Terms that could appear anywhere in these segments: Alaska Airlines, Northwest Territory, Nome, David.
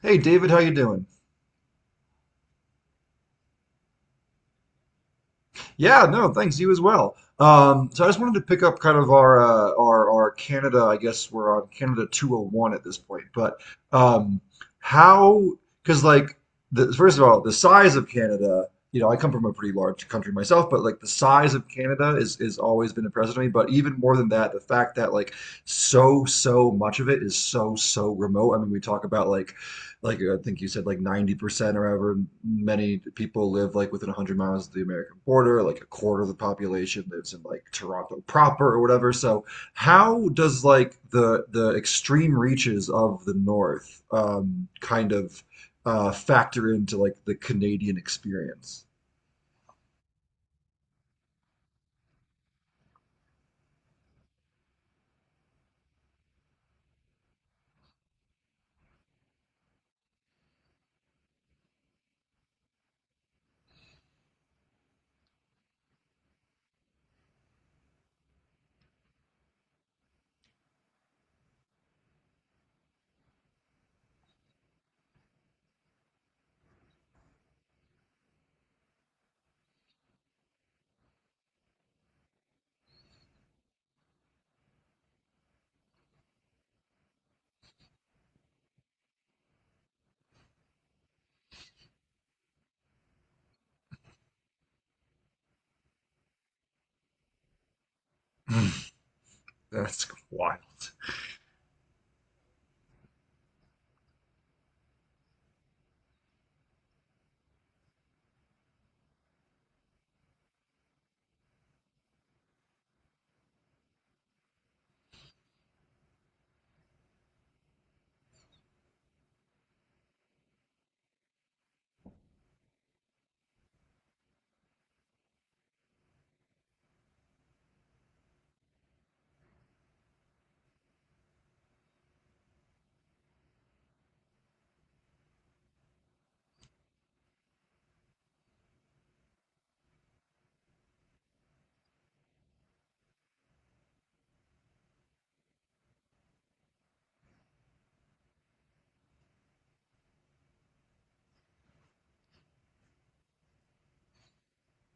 Hey, David, how you doing? Yeah, no, thanks. You as well. So I just wanted to pick up kind of our Canada. I guess we're on Canada 201 at this point. But um, how? Because like the, first of all, the size of Canada. You know, I come from a pretty large country myself, but like the size of Canada is always been impressive to me. But even more than that, the fact that like so much of it is so remote. I mean, we talk about like I think you said, like 90% or however many people live like within 100 miles of the American border, like a quarter of the population lives in like Toronto proper or whatever. So how does like the extreme reaches of the North kind of factor into like the Canadian experience? That's wild.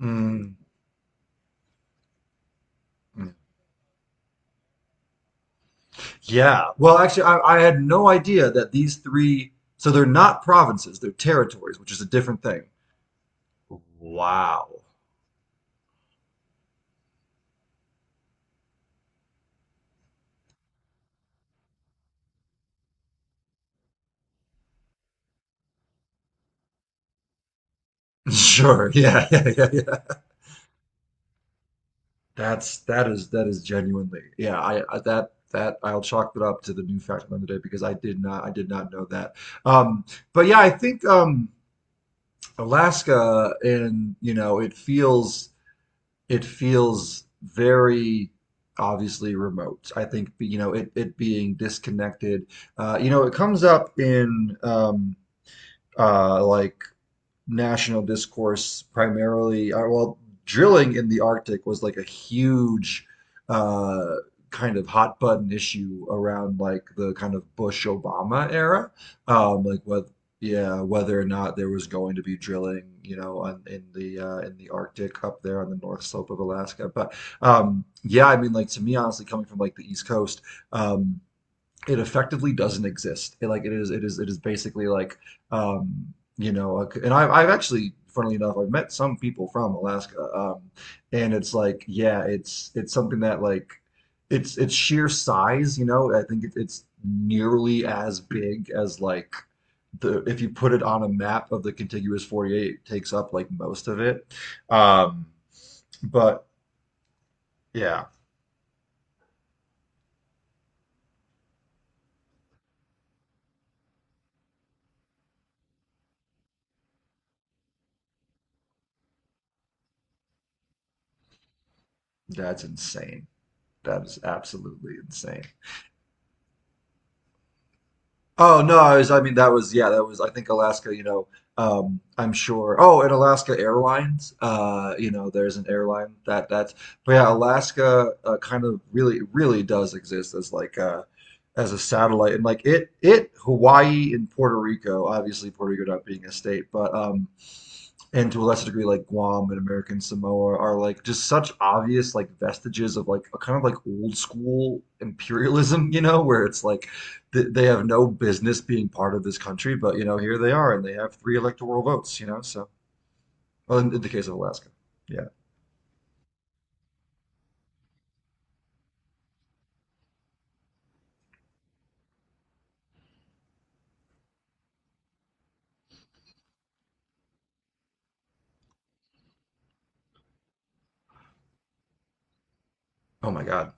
Mm. Yeah. Well, actually, I had no idea that these three, so they're not provinces, they're territories, which is a different thing. Wow. Sure. Yeah. Yeah. Yeah. Yeah. That's that is genuinely. Yeah. I that that I'll chalk it up to the new fact of the day because I did not know that. Um, but yeah, I think Alaska and you know it feels very obviously remote. I think you know it being disconnected. You know it comes up in like national discourse primarily well, drilling in the Arctic was like a huge uh, kind of hot button issue around like the kind of Bush Obama era, like what, yeah, whether or not there was going to be drilling, you know, on, in the Arctic up there on the north slope of Alaska. But Yeah, I mean, like, to me, honestly, coming from like the East Coast, um, it effectively doesn't exist. It, like it is basically like, um, you know, like, and I've actually, funnily enough, I've met some people from Alaska, and it's like, yeah, it's something that like, it's sheer size, you know, I think it, it's nearly as big as like the, if you put it on a map of the contiguous 48, it takes up like most of it. Um, but yeah, that's insane. That is absolutely insane. Oh no, I was, I mean that was, yeah, that was, I think, Alaska, you know, I'm sure. Oh, and Alaska Airlines, you know, there's an airline that that's. But yeah, Alaska, kind of really does exist as like as a satellite. And like it Hawaii and Puerto Rico, obviously Puerto Rico not being a state, but and to a lesser degree like Guam and American Samoa are like just such obvious like vestiges of like a kind of like old school imperialism, you know, where it's like th they have no business being part of this country, but you know, here they are and they have three electoral votes, you know, so well, in the case of Alaska. Yeah. Oh my God.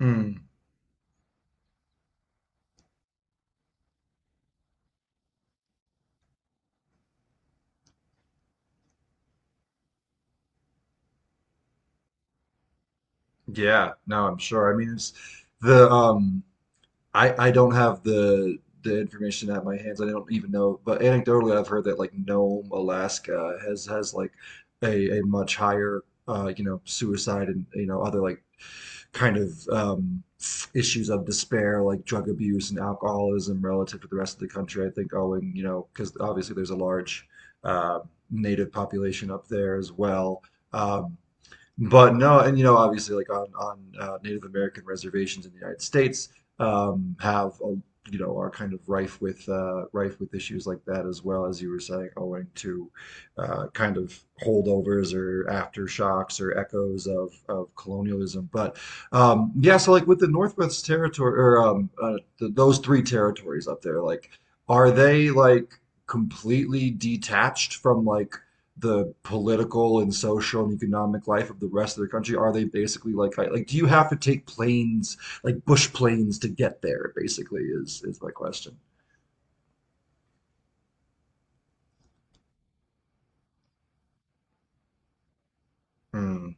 Mm. Yeah. No, I'm sure. I mean, it's the I don't have the information at my hands. I don't even know, but anecdotally, I've heard that like Nome, Alaska has like a much higher you know suicide and you know other like kind of issues of despair like drug abuse and alcoholism relative to the rest of the country. I think owing, you know, because obviously there's a large uh, native population up there as well. Um, but no, and you know, obviously, like on Native American reservations in the United States, have a, you know, are kind of rife with rife with issues like that as well, as you were saying, owing to kind of holdovers or aftershocks or echoes of colonialism. But Yeah, so like with the Northwest Territory or the, those three territories up there, like, are they like completely detached from like the political and social and economic life of the rest of the country? Are they basically like do you have to take planes like bush planes to get there? Basically, is my question. Mm,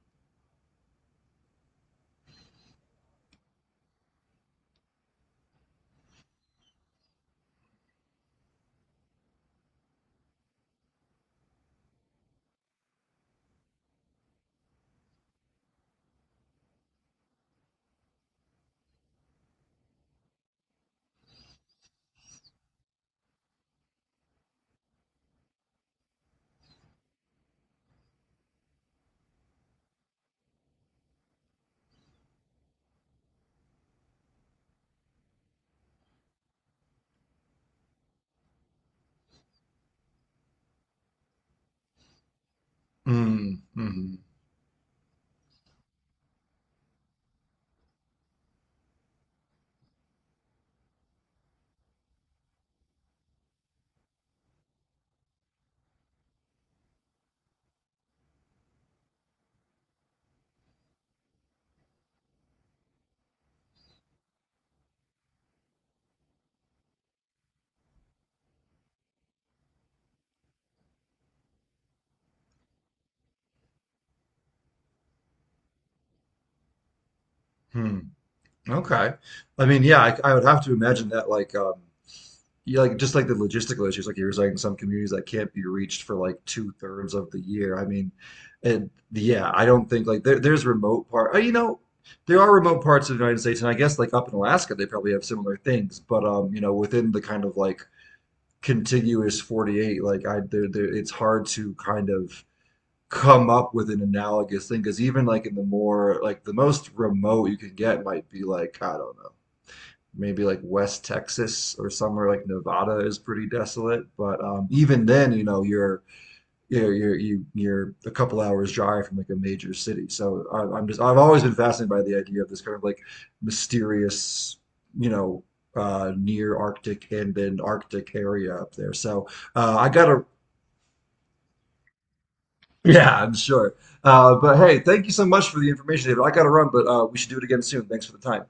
mm, mm, mm. Okay. I mean, yeah, I would have to imagine that like yeah, like just like the logistical issues, like you were saying, some communities that can't be reached for like two-thirds of the year. I mean, and yeah, I don't think like there, there's remote part. You know, there are remote parts of the United States, and I guess like up in Alaska, they probably have similar things. But You know, within the kind of like contiguous 48, like I, there, it's hard to kind of come up with an analogous thing because even like in the more like the most remote you can get might be like I don't know, maybe like West Texas or somewhere like Nevada is pretty desolate. But Even then, you know, you're you- are you are you are you are a couple hours drive from like a major city. So I, I'm just I've always been fascinated by the idea of this kind of like mysterious, you know, near Arctic and then Arctic area up there. So I gotta. Yeah, I'm sure. But hey, thank you so much for the information, David. I gotta run, but we should do it again soon. Thanks for the time.